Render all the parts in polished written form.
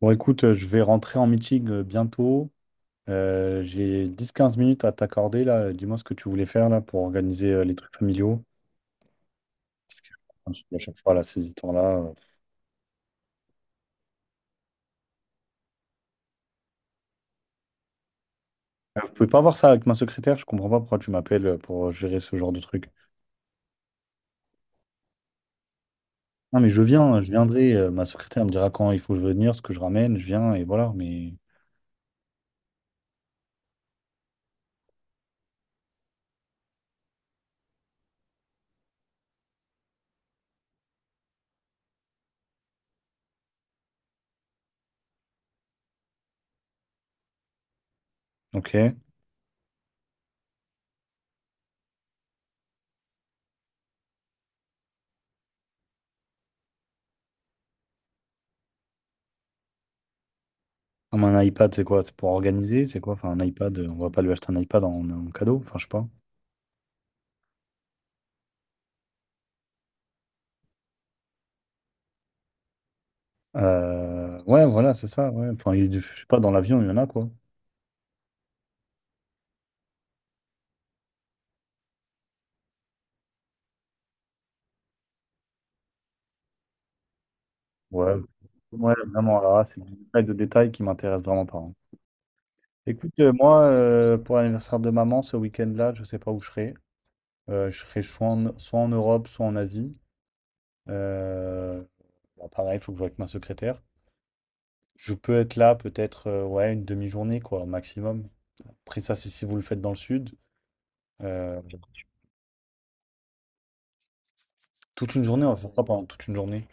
Je vais rentrer en meeting bientôt. J'ai dix quinze minutes à t'accorder là. Dis-moi ce que tu voulais faire là pour organiser les trucs familiaux. Parce que ensuite, à chaque fois, là, ces histoires-là. Vous pouvez pas voir ça avec ma secrétaire, je comprends pas pourquoi tu m'appelles pour gérer ce genre de truc. Non, mais je viens, je viendrai. Ma secrétaire me dira quand il faut venir, ce que je ramène, je viens et voilà. Mais ok. Ah, mais un iPad, c'est quoi? C'est pour organiser? C'est quoi? Enfin, un iPad, on va pas lui acheter un iPad en cadeau, enfin, je sais pas. Ouais, voilà, c'est ça. Ouais. Enfin, je sais pas, dans l'avion, il y en a quoi. Ouais, ouais, vraiment. Alors là, c'est du détail de détail qui m'intéresse vraiment pas, hein. Écoute, moi, pour l'anniversaire de maman, ce week-end-là, je sais pas où je serai. Je serai soit en Europe, soit en Asie. Euh, Bah, pareil, il faut que je joue avec ma secrétaire. Je peux être là peut-être ouais, une demi-journée, quoi, maximum. Après ça, c'est si vous le faites dans le sud. Euh, Toute une journée, on va faire ça pendant toute une journée.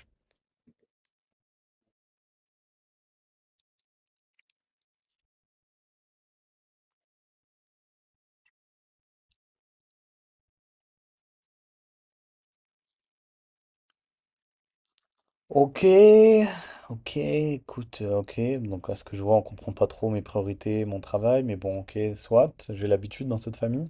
Ok, ok, écoute, ok. Donc à ce que je vois, on comprend pas trop mes priorités, mon travail, mais bon, ok, soit, j'ai l'habitude dans cette famille.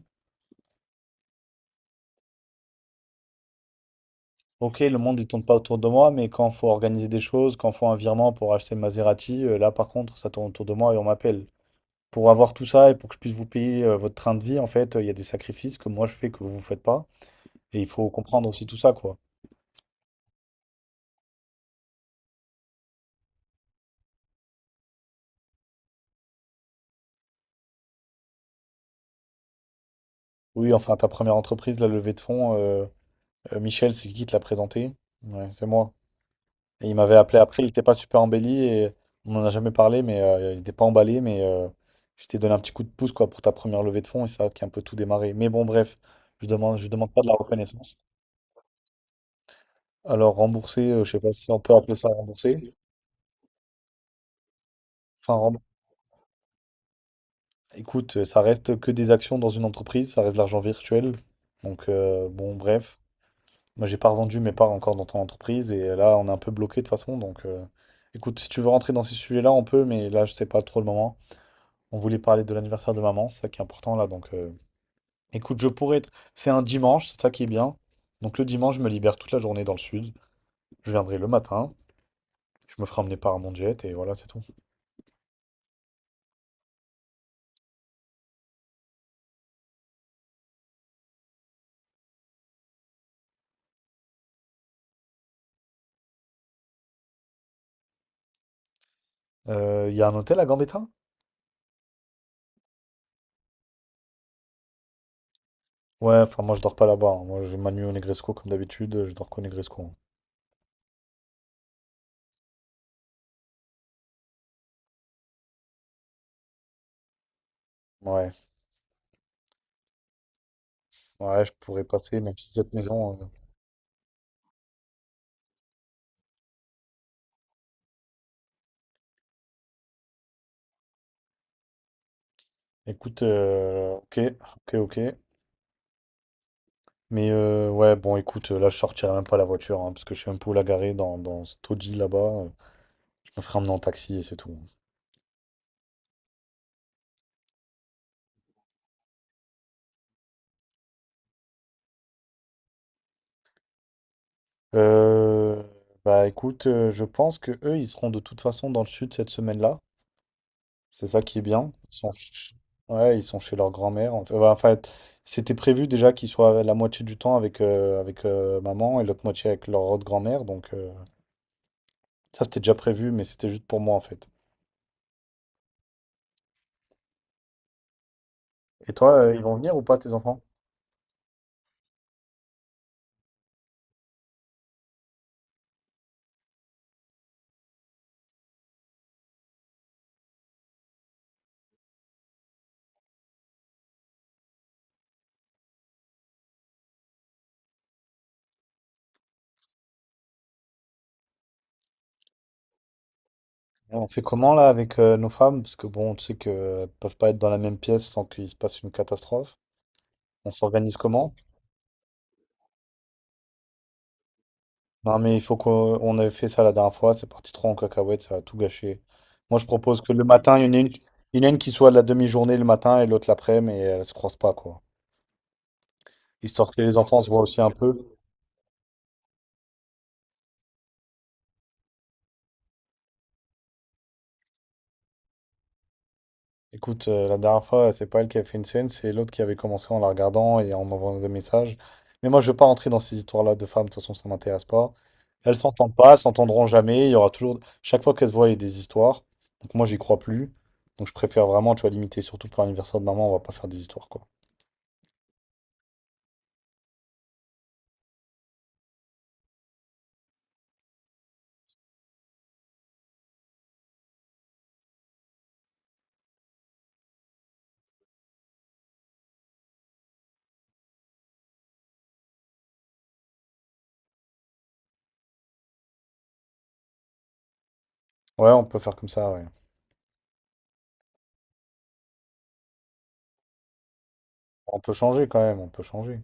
Ok, le monde il tourne pas autour de moi, mais quand faut organiser des choses, quand faut un virement pour acheter le Maserati, là par contre, ça tourne autour de moi et on m'appelle. Pour avoir tout ça et pour que je puisse vous payer votre train de vie, en fait, il y a des sacrifices que moi je fais que vous vous faites pas, et il faut comprendre aussi tout ça, quoi. Oui, enfin ta première entreprise, la levée de fonds, Michel, c'est qui te l'a présenté? Ouais, c'est moi. Et il m'avait appelé après, il était pas super embelli et on n'en a jamais parlé, mais il était pas emballé, mais je t'ai donné un petit coup de pouce quoi pour ta première levée de fonds et ça qui a un peu tout démarré. Mais bon bref, je demande pas de la reconnaissance. Alors rembourser, je sais pas si on peut appeler ça rembourser. Enfin, écoute, ça reste que des actions dans une entreprise, ça reste de l'argent virtuel. Bon bref, moi j'ai pas revendu mes parts encore dans ton entreprise et là on est un peu bloqué de toute façon. Écoute, si tu veux rentrer dans ces sujets-là, on peut, mais là je sais pas trop le moment. On voulait parler de l'anniversaire de maman, c'est ça qui est important là. Écoute, je pourrais être. C'est un dimanche, c'est ça qui est bien. Donc, le dimanche, je me libère toute la journée dans le sud. Je viendrai le matin, je me ferai emmener par mon jet et voilà, c'est tout. Il y a un hôtel à Gambetta? Ouais, enfin, moi, je dors pas là-bas, hein. Moi, je ma nuit au Negresco comme d'habitude, je dors qu'au Negresco, hein. Ouais, ouais, je pourrais passer, même si cette maison. Écoute, ok, ok, ok. Mais ouais, bon, écoute, là, je sortirai même pas la voiture, hein, parce que je suis un peu où la garer dans ce taudis là-bas. Je me ferai emmener en taxi et c'est tout. Euh, Bah écoute, je pense que eux, ils seront de toute façon dans le sud cette semaine-là. C'est ça qui est bien. Ouais, ils sont chez leur grand-mère. En fait, ouais, en fait, c'était prévu déjà qu'ils soient la moitié du temps avec, maman et l'autre moitié avec leur autre grand-mère. Ça, c'était déjà prévu, mais c'était juste pour moi en fait. Et toi, ils vont venir ou pas, tes enfants? On fait comment là avec nos femmes? Parce que bon, tu sais qu'elles peuvent pas être dans la même pièce sans qu'il se passe une catastrophe. On s'organise comment? Non, mais il faut qu'on on avait fait ça la dernière fois. C'est parti trop en cacahuète, ça a tout gâché. Moi, je propose que le matin, il y en a une qui soit de la demi-journée le matin et l'autre l'après, mais elles se croisent pas, quoi. Histoire que les enfants se voient aussi un peu. Écoute, la dernière fois, c'est pas elle qui avait fait une scène, c'est l'autre qui avait commencé en la regardant et en envoyant des messages. Mais moi, je veux pas rentrer dans ces histoires-là de femmes, de toute façon, ça m'intéresse pas. Elles s'entendent pas, elles s'entendront jamais. Il y aura toujours. Chaque fois qu'elles se voient, il y a des histoires. Donc, moi, j'y crois plus. Donc, je préfère vraiment, tu vois, limiter, surtout pour l'anniversaire de maman, on va pas faire des histoires, quoi. Ouais, on peut faire comme ça, ouais. On peut changer quand même, on peut changer.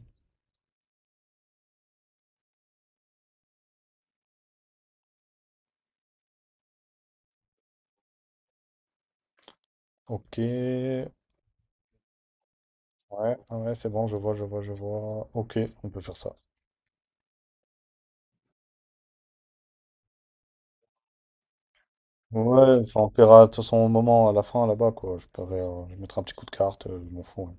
Ok, ouais, ouais, c'est bon, je vois, je vois, je vois. Ok, on peut faire ça. Ouais, enfin, on paiera de toute façon au moment, à la fin, là-bas, quoi. Je paierai, je mettrai un petit coup de carte, je m'en fous, ouais.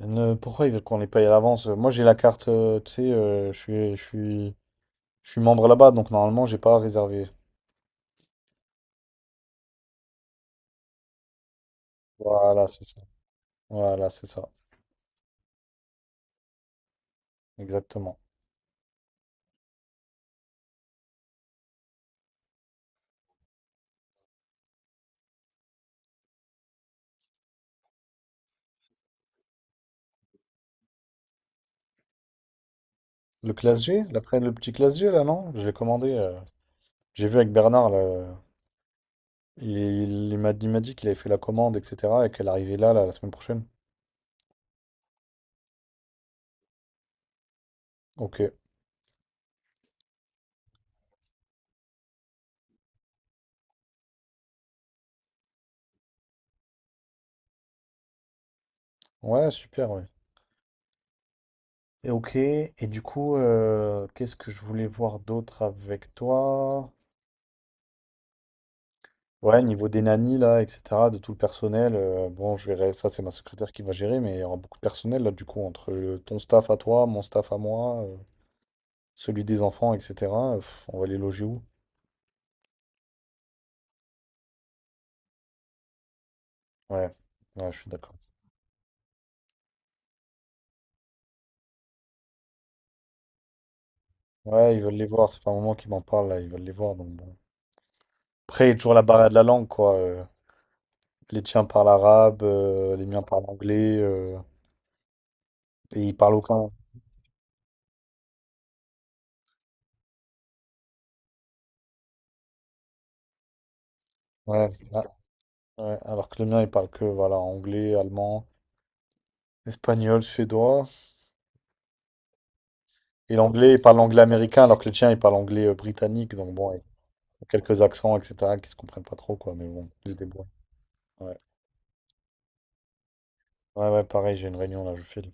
Pourquoi ils veulent qu'on les paye à l'avance? Moi, j'ai la carte, tu sais, je suis membre là-bas, donc normalement, j'ai pas à réserver. Voilà, c'est ça. Voilà, c'est ça. Exactement. Le classe G, l'après le petit classe G, là, non? Je l'ai commandé. J'ai vu avec Bernard, là, il, il m'a dit qu'il avait fait la commande, etc. et qu'elle arrivait là, la semaine prochaine. Ok. Ouais, super, ouais. Et ok, et du coup, qu'est-ce que je voulais voir d'autre avec toi? Ouais, niveau des nannies, là, etc., de tout le personnel, bon, je verrai, ça, c'est ma secrétaire qui va gérer, mais il y aura beaucoup de personnel, là, du coup, entre ton staff à toi, mon staff à moi, celui des enfants, etc., on va les loger où? Ouais, ouais, je suis d'accord. Ouais, ils veulent les voir, ça fait un moment qu'ils m'en parlent, là, ils veulent les voir, donc bon. Après, il y a toujours la barrière de la langue, quoi. Les tiens parlent arabe, les miens parlent anglais, et ils parlent aucun. Ouais, ah, ouais, alors que le mien, il parle que voilà, anglais, allemand, espagnol, suédois. Et l'anglais, il parle anglais américain, alors que le tien, il parle anglais britannique. Donc bon, il y a quelques accents, etc., qui se comprennent pas trop, quoi. Mais bon, ils se débrouillent. Ouais, ouais, ouais, pareil, j'ai une réunion là, je file.